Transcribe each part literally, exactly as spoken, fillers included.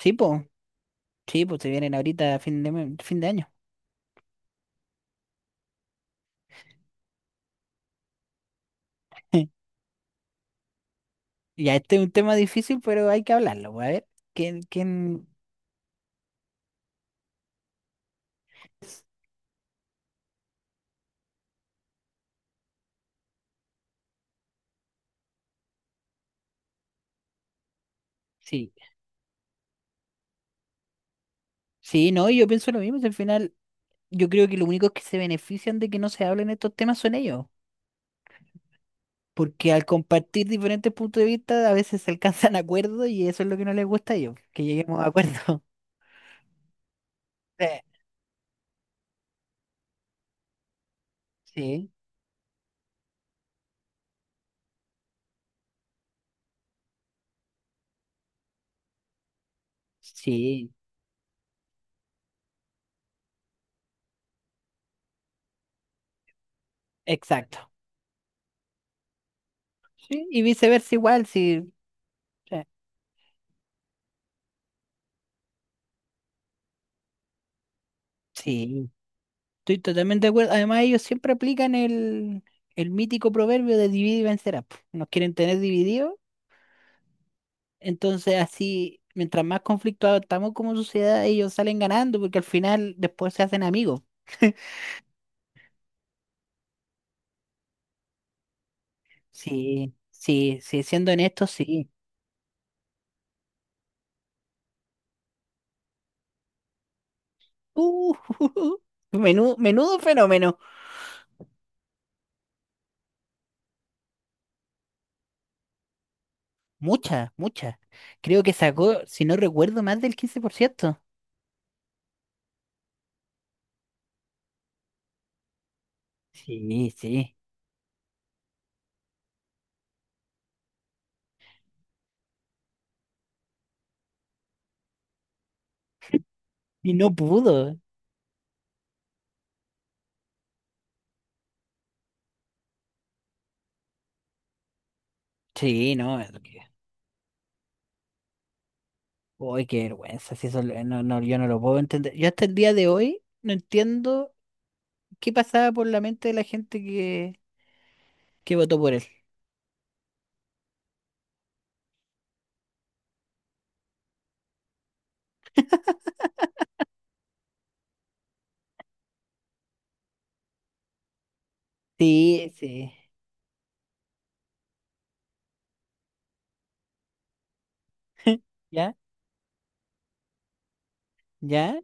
Sí, po, sí, pues se vienen ahorita a fin de, mes- fin de año. Ya, este es un tema difícil, pero hay que hablarlo, pues, a ver. ¿Quién, quién? Sí, sí, no, yo pienso lo mismo. Si Al final, yo creo que los únicos que se benefician de que no se hablen estos temas son ellos, porque al compartir diferentes puntos de vista, a veces se alcanzan acuerdos y eso es lo que no les gusta a ellos, que lleguemos a acuerdos. Sí, sí, sí, exacto. Sí, y viceversa igual, sí, sí, sí. Estoy totalmente de acuerdo. Además, ellos siempre aplican el, el mítico proverbio de divide y vencerás, po. Nos quieren tener divididos. Entonces, así, mientras más conflictuados estamos como sociedad, ellos salen ganando porque al final después se hacen amigos. Sí, sí, sí, siendo honestos, sí. Uh, menú- menudo fenómeno. Muchas, muchas. Creo que sacó, si no recuerdo, más del quince por ciento. Sí, sí. Y no pudo. Sí, no. Uy, qué vergüenza, si eso lo- eh, no, no, yo no lo puedo entender. Yo hasta el día de hoy no entiendo qué pasaba por la mente de la gente que, que votó por él. Sí, sí. ¿Ya? ¿Ya?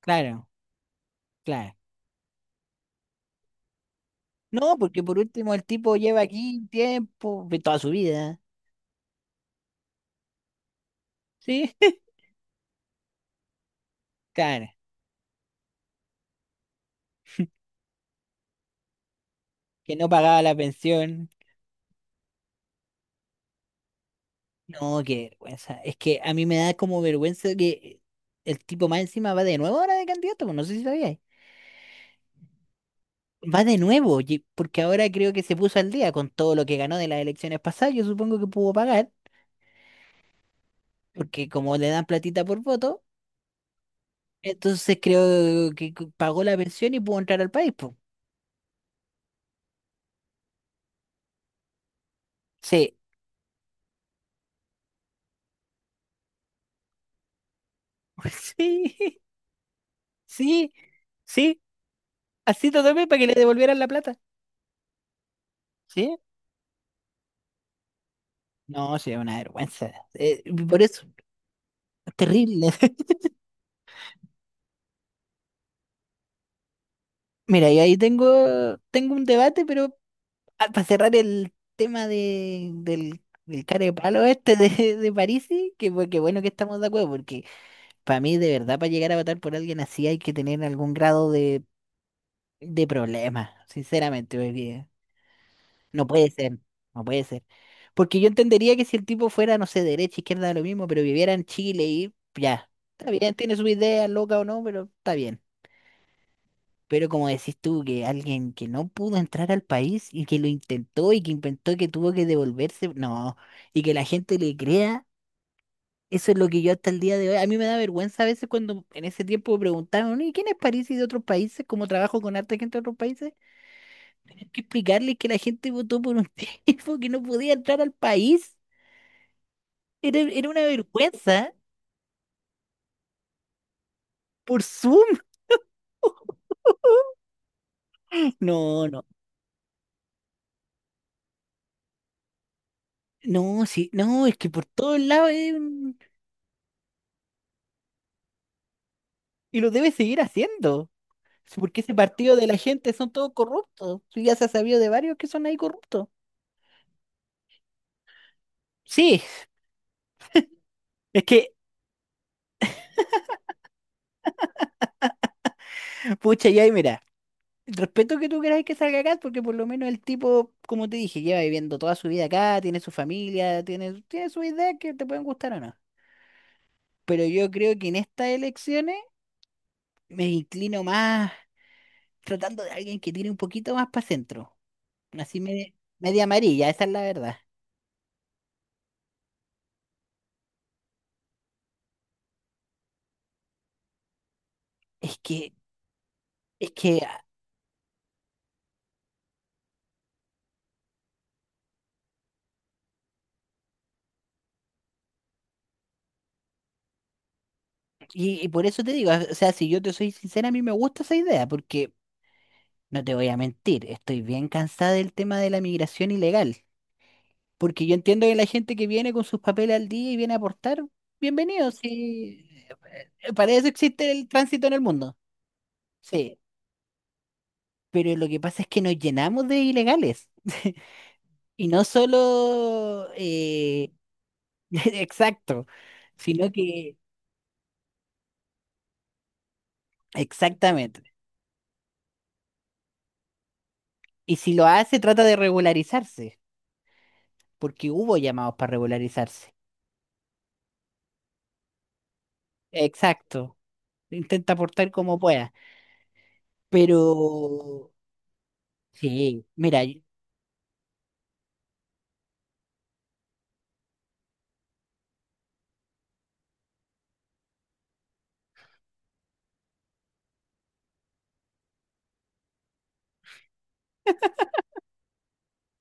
Claro, claro. No, porque por último el tipo lleva aquí tiempo, de toda su vida. Sí, claro. Que no pagaba la pensión. No, qué vergüenza. Es que a mí me da como vergüenza que el tipo más encima va de nuevo ahora de candidato, pues no sé si sabía. Va de nuevo, ye- porque ahora creo que se puso al día con todo lo que ganó de las elecciones pasadas. Yo supongo que pudo pagar, porque como le dan platita por voto, entonces creo que c- pagó la pensión y pudo entrar al país, po. Sí, sí, sí, sí, así lo tomé para que le devolvieran la plata. Sí, no, sí, es una vergüenza. Eh, por eso, es terrible. Mira, y ahí tengo, tengo un debate, pero ah, para cerrar el tema de, del, del cara de palo este de, de Parisi, que, bu- que bueno que estamos de acuerdo, porque para mí de verdad para llegar a votar por alguien así hay que tener algún grado de, de problema, sinceramente, porque no puede ser, no puede ser. Porque yo entendería que si el tipo fuera, no sé, derecha, izquierda, lo mismo, pero viviera en Chile y ya, está bien, tiene su idea, loca o no, pero está bien. Pero como decís tú, que alguien que no pudo entrar al país y que lo intentó y que inventó que tuvo que devolverse, no, y que la gente le crea, eso es lo que yo hasta el día de hoy, a mí me da vergüenza a veces cuando en ese tiempo me preguntaban, ¿y quién es París y de otros países? ¿Cómo trabajo con harta gente de otros países? Hay que explicarles que la gente votó por un tipo que no podía entrar al país. Era, era una vergüenza por Zoom. No, no, no, sí, no, es que por todos lados es un- y lo debe seguir haciendo. Sí, porque ese partido de la gente son todos corruptos. Sí, ya se ha sabido de varios que son ahí corruptos. Sí, es que, pucha, ya, y mira, respeto que tú queráis que salga acá, porque por lo menos el tipo, como te dije, lleva viviendo toda su vida acá, tiene su familia, tiene, tiene sus ideas que te pueden gustar o no. Pero yo creo que en estas elecciones me inclino más tratando de alguien que tiene un poquito más para centro. Así media, media amarilla, esa es la verdad. Es que, es que, ah, y, y por eso te digo, o sea, si yo te soy sincera, a mí me gusta esa idea, porque no te voy a mentir, estoy bien cansada del tema de la migración ilegal, porque yo entiendo que la gente que viene con sus papeles al día y viene a aportar, bienvenidos sí, eh, para eso existe el tránsito en el mundo, sí, pero lo que pasa es que nos llenamos de ilegales, y no solo, eh, exacto, sino que, exactamente, y si lo hace, trata de regularizarse, porque hubo llamados para regularizarse, exacto, intenta aportar como pueda. Pero sí, mira, y-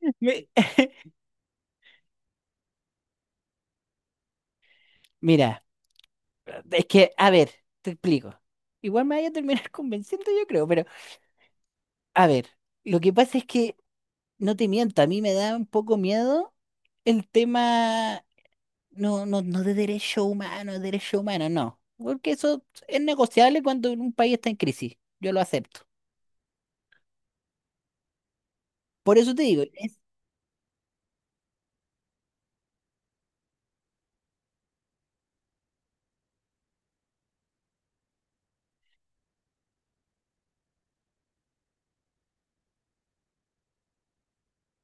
me- mira, es que, a ver, te explico. Igual me vaya a terminar convenciendo, yo creo, pero a ver, lo que pasa es que no te miento, a mí me da un poco miedo el tema, no, no, no de derecho humano, de derecho humano, no, porque eso es negociable cuando un país está en crisis, yo lo acepto. Por eso te digo, es-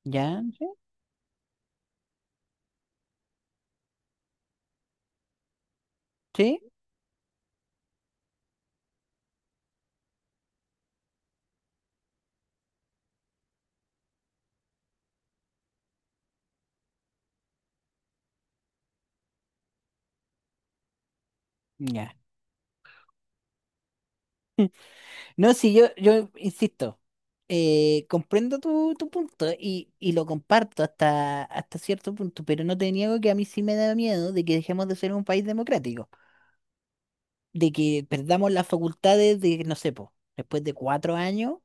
¿ya? ¿Sí? ¿Sí? Ya. No, sí, yo, yo insisto. Eh, comprendo tu, tu punto y, y lo comparto hasta, hasta cierto punto, pero no te niego que a mí sí me da miedo de que dejemos de ser un país democrático, de que perdamos las facultades de, no sé, po, después de cuatro años,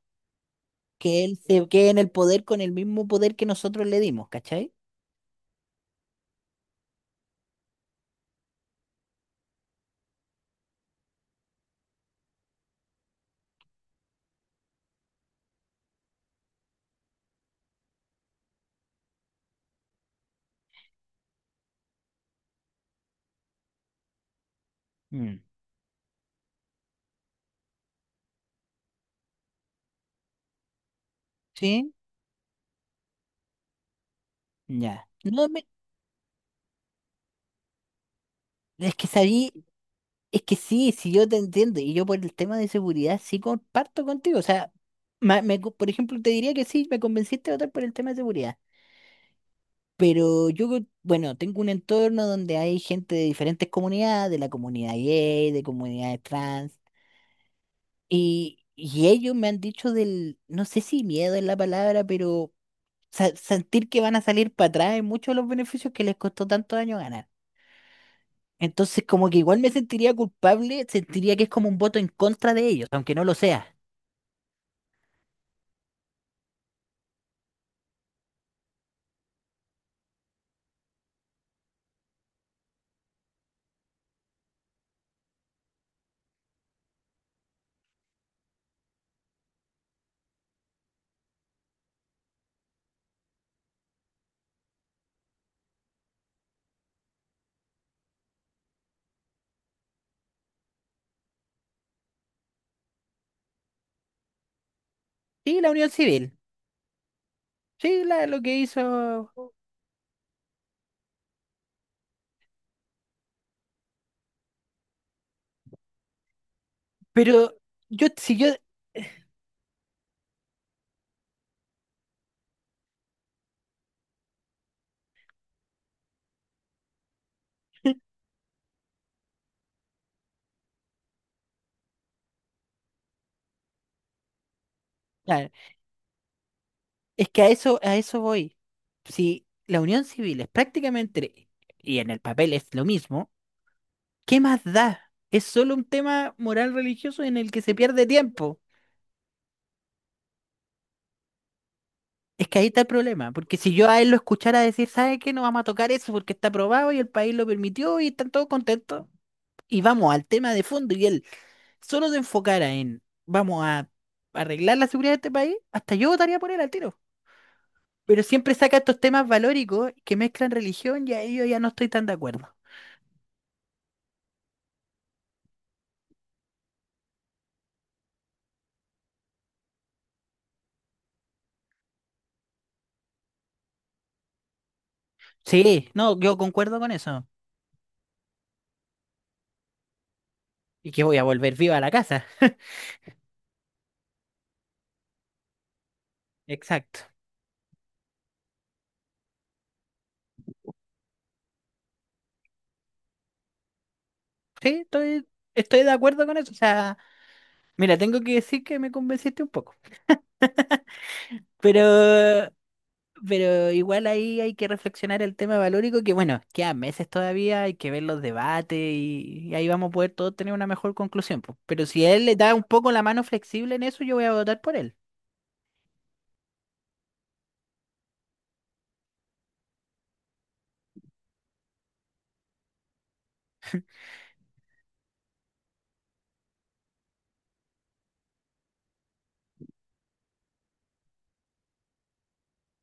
que él se quede en el poder con el mismo poder que nosotros le dimos, ¿cachai? Mm. Sí, ya. No me- es que sabí, es que sí, sí yo te entiendo y yo por el tema de seguridad sí comparto contigo, o sea, ma- me co- por ejemplo te diría que sí, me convenciste de votar por el tema de seguridad. Pero yo, co- bueno, tengo un entorno donde hay gente de diferentes comunidades, de la comunidad gay, de comunidades trans, y, y ellos me han dicho del, no sé si miedo es la palabra, pero sa- sentir que van a salir para atrás en muchos de los beneficios que les costó tantos años ganar. Entonces, como que igual me sentiría culpable, sentiría que es como un voto en contra de ellos, aunque no lo sea. Sí, la Unión Civil, sí, la, lo que hizo, pero yo, si yo... claro, es que a eso, a eso voy. Si la unión civil es prácticamente, y en el papel es lo mismo, ¿qué más da? Es solo un tema moral religioso en el que se pierde tiempo. Es que ahí está el problema, porque si yo a él lo escuchara decir, ¿sabe qué? No vamos a tocar eso porque está aprobado y el país lo permitió y están todos contentos. Y vamos al tema de fondo y él solo se enfocara en, vamos a arreglar la seguridad de este país, hasta yo votaría por él al tiro. Pero siempre saca estos temas valóricos que mezclan religión y ahí yo ya no estoy tan de acuerdo. Sí, no, yo concuerdo con eso. Y que voy a volver viva a la casa. Exacto. Sí, estoy, estoy de acuerdo con eso. O sea, mira, tengo que decir que me convenciste un poco. Pero, pero igual ahí hay que reflexionar el tema valórico, que bueno, quedan meses todavía, hay que ver los debates y, y ahí vamos a poder todos tener una mejor conclusión, po. Pero si él le da un poco la mano flexible en eso, yo voy a votar por él.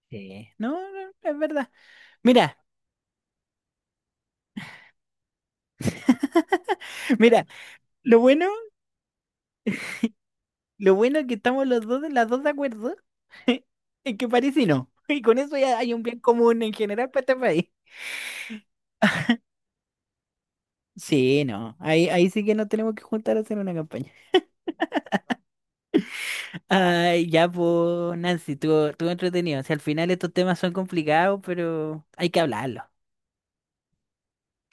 Sí. No, no, es verdad. Mira, mira, lo bueno lo bueno es que estamos los dos, las dos de acuerdo en que París y no. Y con eso ya hay un bien común en general para este país. Sí, no. Ahí, ahí sí que nos tenemos que juntar a hacer una campaña. Ay, ya, pues, Nancy, estuvo, estuvo entretenido. O sea, al final estos temas son complicados, pero hay que hablarlo.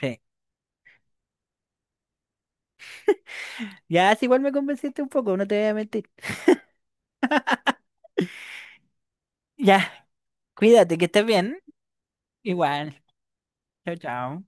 Sí. Ya, si igual me convenciste un poco, no te voy a mentir. Ya, cuídate, que estés bien. Igual. Chao, chao.